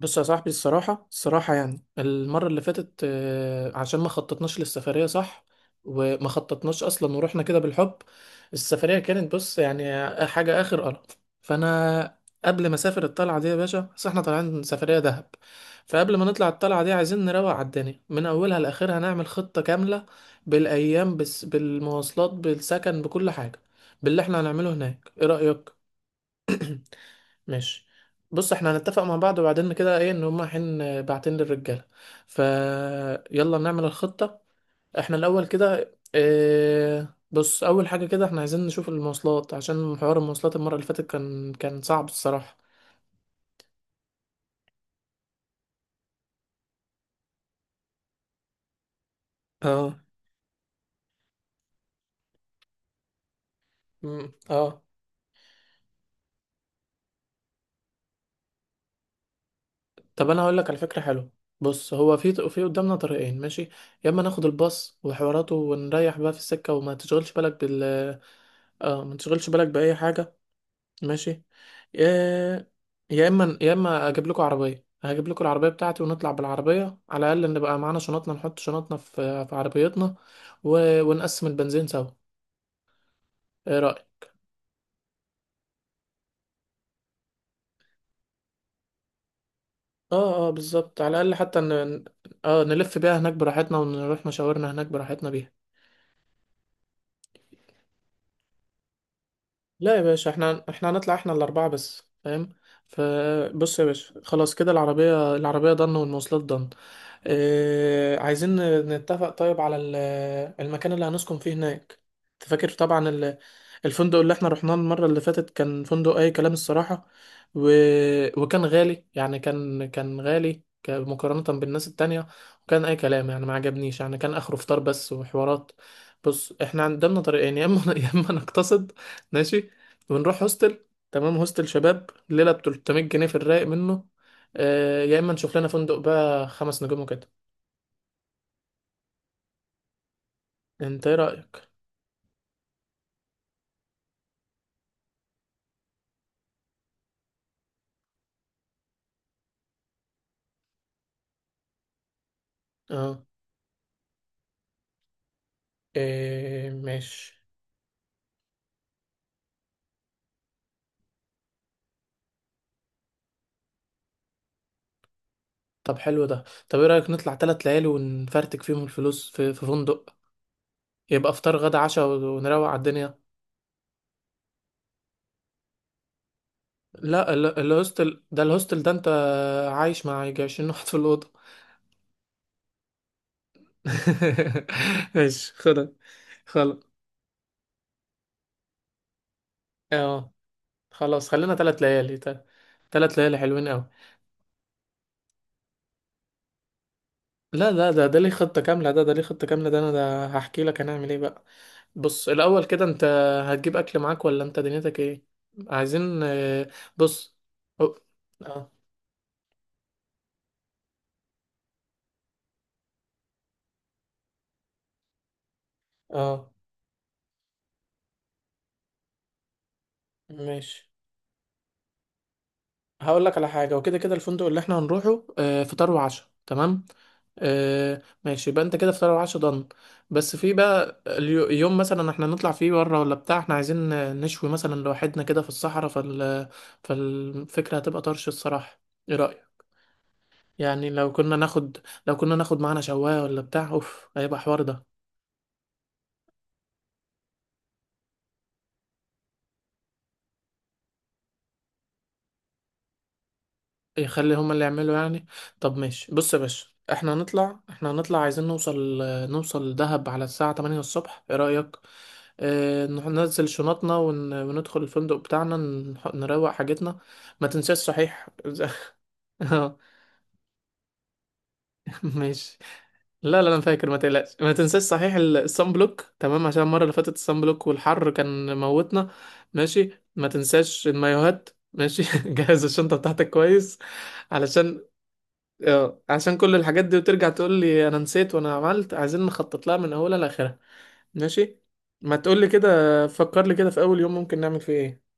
بص يا صاحبي، الصراحة يعني المرة اللي فاتت، عشان ما خططناش للسفرية، صح؟ وما خططناش أصلا ورحنا كده بالحب. السفرية كانت، بص، يعني حاجة آخر قرف. فأنا قبل ما أسافر الطلعة دي يا باشا، بس احنا طالعين سفرية دهب، فقبل ما نطلع الطلعة دي عايزين نروق على الدنيا من أولها لآخرها، نعمل خطة كاملة بالأيام، بس، بالمواصلات، بالسكن، بكل حاجة، باللي احنا هنعمله هناك. إيه رأيك؟ ماشي. بص، احنا هنتفق مع بعض، وبعدين كده ايه ان هما حين بعتين للرجاله. ف يلا نعمل الخطه. احنا الاول كده، اه، بص، اول حاجه كده احنا عايزين نشوف المواصلات، عشان حوار المواصلات المره اللي فاتت كان صعب الصراحه. اه، مم، اه. طب انا هقول لك على فكره حلوه. بص، هو في قدامنا طريقين، ماشي؟ يا اما ناخد الباص وحواراته ونريح بقى في السكه، وما تشغلش بالك بال، اه، ما تشغلش بالك باي حاجه. ماشي. يا يا اما اجيب لكم عربيه، هجيب لكم العربيه بتاعتي ونطلع بالعربيه، على الاقل نبقى معانا شنطنا، نحط شنطنا في عربيتنا، ونقسم البنزين سوا. ايه رايك؟ اه اه، بالظبط، على الاقل حتى اه نلف بيها هناك براحتنا، ونروح مشاورنا هناك براحتنا بيها. لا يا باشا، احنا هنطلع احنا الاربعه بس، فاهم؟ فبص يا باشا، خلاص كده، العربيه العربيه ضن، والمواصلات ضن. إيه عايزين؟ نتفق طيب على المكان اللي هنسكن فيه هناك. انت فاكر طبعا الفندق اللي احنا رحناه المرة اللي فاتت؟ كان فندق اي كلام الصراحة، و... وكان غالي يعني، كان غالي، مقارنة بالناس التانية، وكان اي كلام يعني، ما عجبنيش، يعني كان اخره فطار بس وحوارات. بص، احنا قدامنا طريقين، يا اما يا اما نقتصد، ماشي، ونروح هوستل. تمام، هوستل شباب، ليلة ب 300 جنيه، في الرايق منه. آه، يا اما نشوف لنا فندق بقى خمس نجوم وكده. انت ايه رأيك؟ اه، إيه، ماشي. طب حلو ده. طب ايه رأيك نطلع تلات ليالي ونفرتك فيهم الفلوس في فندق، يبقى افطار غدا عشاء ونروق على الدنيا. لا، الهوستل ده، الهوستل ده انت عايش مع يجي 20 واحد في الأوضة. ماشي، خدها. خلاص، اه، خلاص، خلينا تلات ليالي تلات ليالي حلوين قوي. لا، ده ليه خطة كاملة، ده ليه خطة كاملة، ده انا ده هحكي لك هنعمل ايه بقى. بص، الأول كده، أنت هتجيب أكل معاك ولا أنت دنيتك إيه؟ عايزين، بص، أو- اه اه، ماشي، هقول لك على حاجة. وكده كده الفندق اللي احنا هنروحه، فطار وعشاء، تمام؟ آه، ماشي، يبقى انت كده فطار وعشاء ضن. بس في بقى يوم مثلا احنا نطلع فيه بره، ولا بتاع احنا عايزين، نشوي مثلا لوحدنا كده في الصحراء، فالفكرة هتبقى طرش الصراحة. ايه رأيك؟ يعني لو كنا ناخد، لو كنا ناخد معانا شواية ولا بتاع، اوف، هيبقى حوار ده. يخلي هما اللي يعملوا يعني. طب ماشي، بص يا باشا، احنا هنطلع عايزين نوصل، نوصل دهب على الساعة 8 الصبح. ايه رأيك؟ اه، ننزل شنطنا وندخل الفندق بتاعنا، نروق حاجتنا. ما تنساش صحيح. اه، ماشي. لا لا، انا فاكر، ما تقلقش. ما تنساش صحيح الصن بلوك، تمام؟ عشان المره اللي فاتت الصن بلوك والحر كان موتنا. ماشي، ما تنساش المايوهات، ماشي. جهز الشنطه بتاعتك كويس، علشان، اه، عشان كل الحاجات دي وترجع تقول لي انا نسيت، وانا عملت، عايزين نخطط لها من اولها لاخرها. ماشي. ما تقول لي كده، فكر لي كده في اول يوم ممكن نعمل فيه ايه.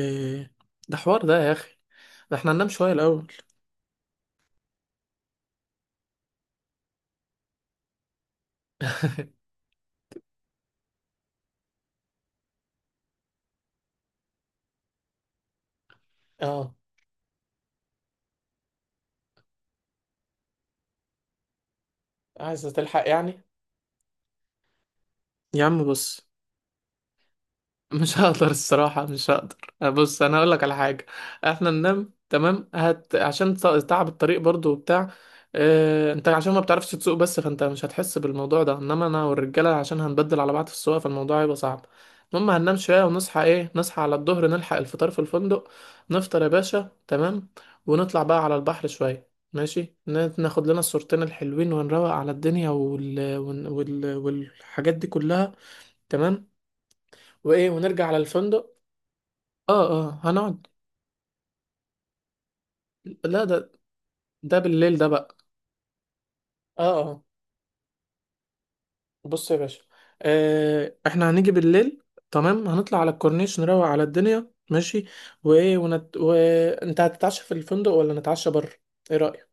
ايه؟ ده حوار ده يا اخي، ده احنا هننام شويه الاول. اه، عايزه تلحق يعني. يا عم بص، مش هقدر الصراحة، مش هقدر. آه، بص، أنا هقول لك على حاجة، إحنا ننام تمام، هت، عشان تعب الطريق برضو وبتاع، اه... أنت عشان ما بتعرفش تسوق بس، فأنت مش هتحس بالموضوع ده، إنما أنا والرجالة عشان هنبدل على بعض في السواقة، فالموضوع هيبقى صعب. المهم، هننام شوية ونصحى، إيه، نصحى على الظهر، نلحق الفطار في الفندق. نفطر يا باشا، تمام، ونطلع بقى على البحر شوية، ماشي، ناخد لنا الصورتين الحلوين ونروق على الدنيا والحاجات دي كلها. تمام. وايه، ونرجع على الفندق. اه اه، هنقعد، لا، ده، ده بالليل ده بقى. اه اه، بص يا باشا، آه، احنا هنيجي بالليل، تمام، هنطلع على الكورنيش، نروق على الدنيا، ماشي. وايه، وانت هتتعشى في الفندق ولا نتعشى بره؟ ايه رأيك؟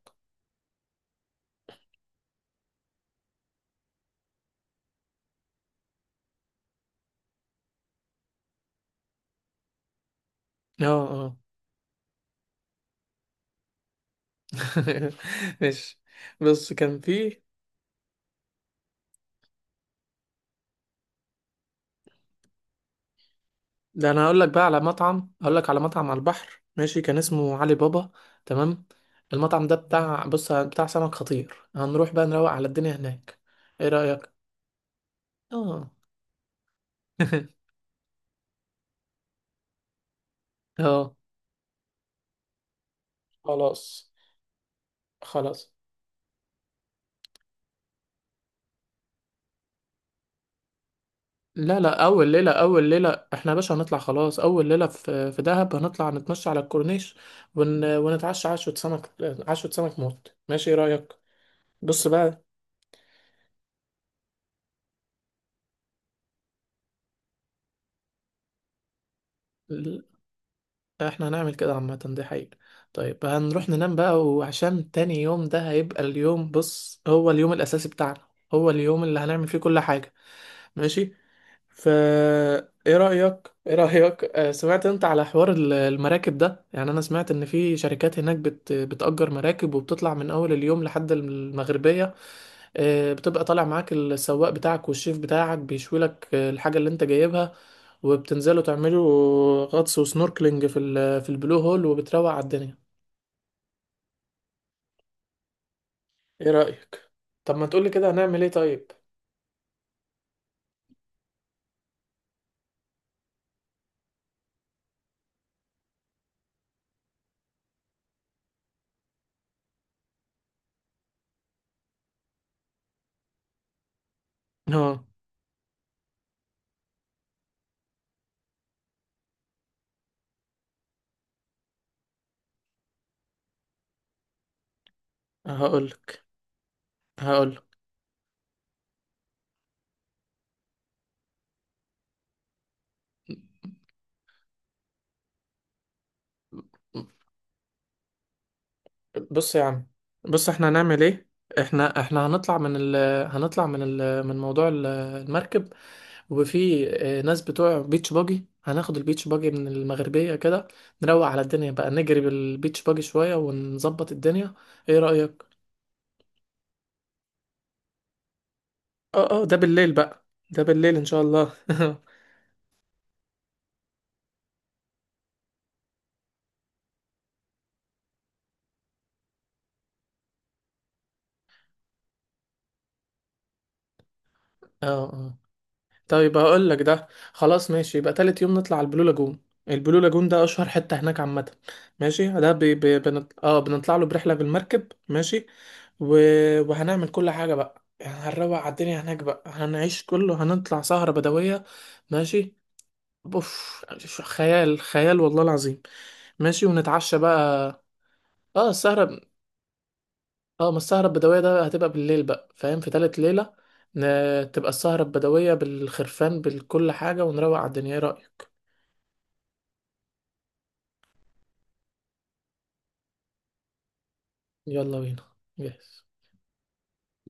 اه اه. ماشي. بص، كان في، ده انا هقول لك بقى على مطعم، هقول لك على مطعم على البحر ماشي، كان اسمه علي بابا. تمام، المطعم ده بتاع، بص، بتاع سمك خطير، هنروح بقى نروق على الدنيا هناك. ايه رأيك؟ اه. اه، خلاص خلاص. لا، اول ليله احنا يا باشا هنطلع، خلاص، اول ليله في دهب هنطلع نتمشى على الكورنيش، ونتعشى عشوه سمك، عشوه سمك موت، ماشي، ايه رايك؟ بص بقى، ال- احنا هنعمل كده عامه، دي حقيقه. طيب، هنروح ننام بقى، وعشان تاني يوم ده هيبقى اليوم، بص، هو اليوم الاساسي بتاعنا، هو اليوم اللي هنعمل فيه كل حاجه، ماشي؟ فا ايه رأيك، ايه رأيك، سمعت انت على حوار المراكب ده؟ يعني انا سمعت ان في شركات هناك بتأجر مراكب، وبتطلع من اول اليوم لحد المغربية، آه، بتبقى طالع معاك السواق بتاعك والشيف بتاعك بيشوي لك، آه، الحاجة اللي انت جايبها، وبتنزلوا تعملوا غطس وسنوركلينج في في البلو هول، وبتروق على الدنيا. ايه رأيك؟ طب ما تقولي كده هنعمل ايه طيب. اه، هقولك، هقولك، بص يا عم، بص، احنا هنعمل ايه. احنا هنطلع من هنطلع من ال، من موضوع المركب، وفي، اه، ناس بتوع بيتش باجي، هناخد البيتش باجي من المغربية كده، نروق على الدنيا بقى، نجري بالبيتش باجي شوية ونظبط الدنيا. ايه رأيك؟ اه اه، ده بالليل بقى، ده بالليل ان شاء الله. اه اه. طيب هقول لك، ده خلاص ماشي، يبقى تالت يوم نطلع على البلو لاجون. البلو لاجون ده اشهر حتة هناك عامة، ماشي. ده بي بي بنط... اه بنطلع له برحلة بالمركب، ماشي، و... وهنعمل كل حاجة بقى، يعني هنروق على الدنيا هناك بقى، هنعيش كله، هنطلع سهرة بدوية، ماشي. اوف، خيال، خيال والله العظيم. ماشي، ونتعشى بقى. اه، السهرة، اه، ما السهرة البدوية ده هتبقى بالليل بقى، فاهم، في تالت ليلة، تبقى السهرة البدوية بالخرفان بكل حاجة، ونروق على الدنيا. ايه رأيك؟ يلا بينا، جاهز.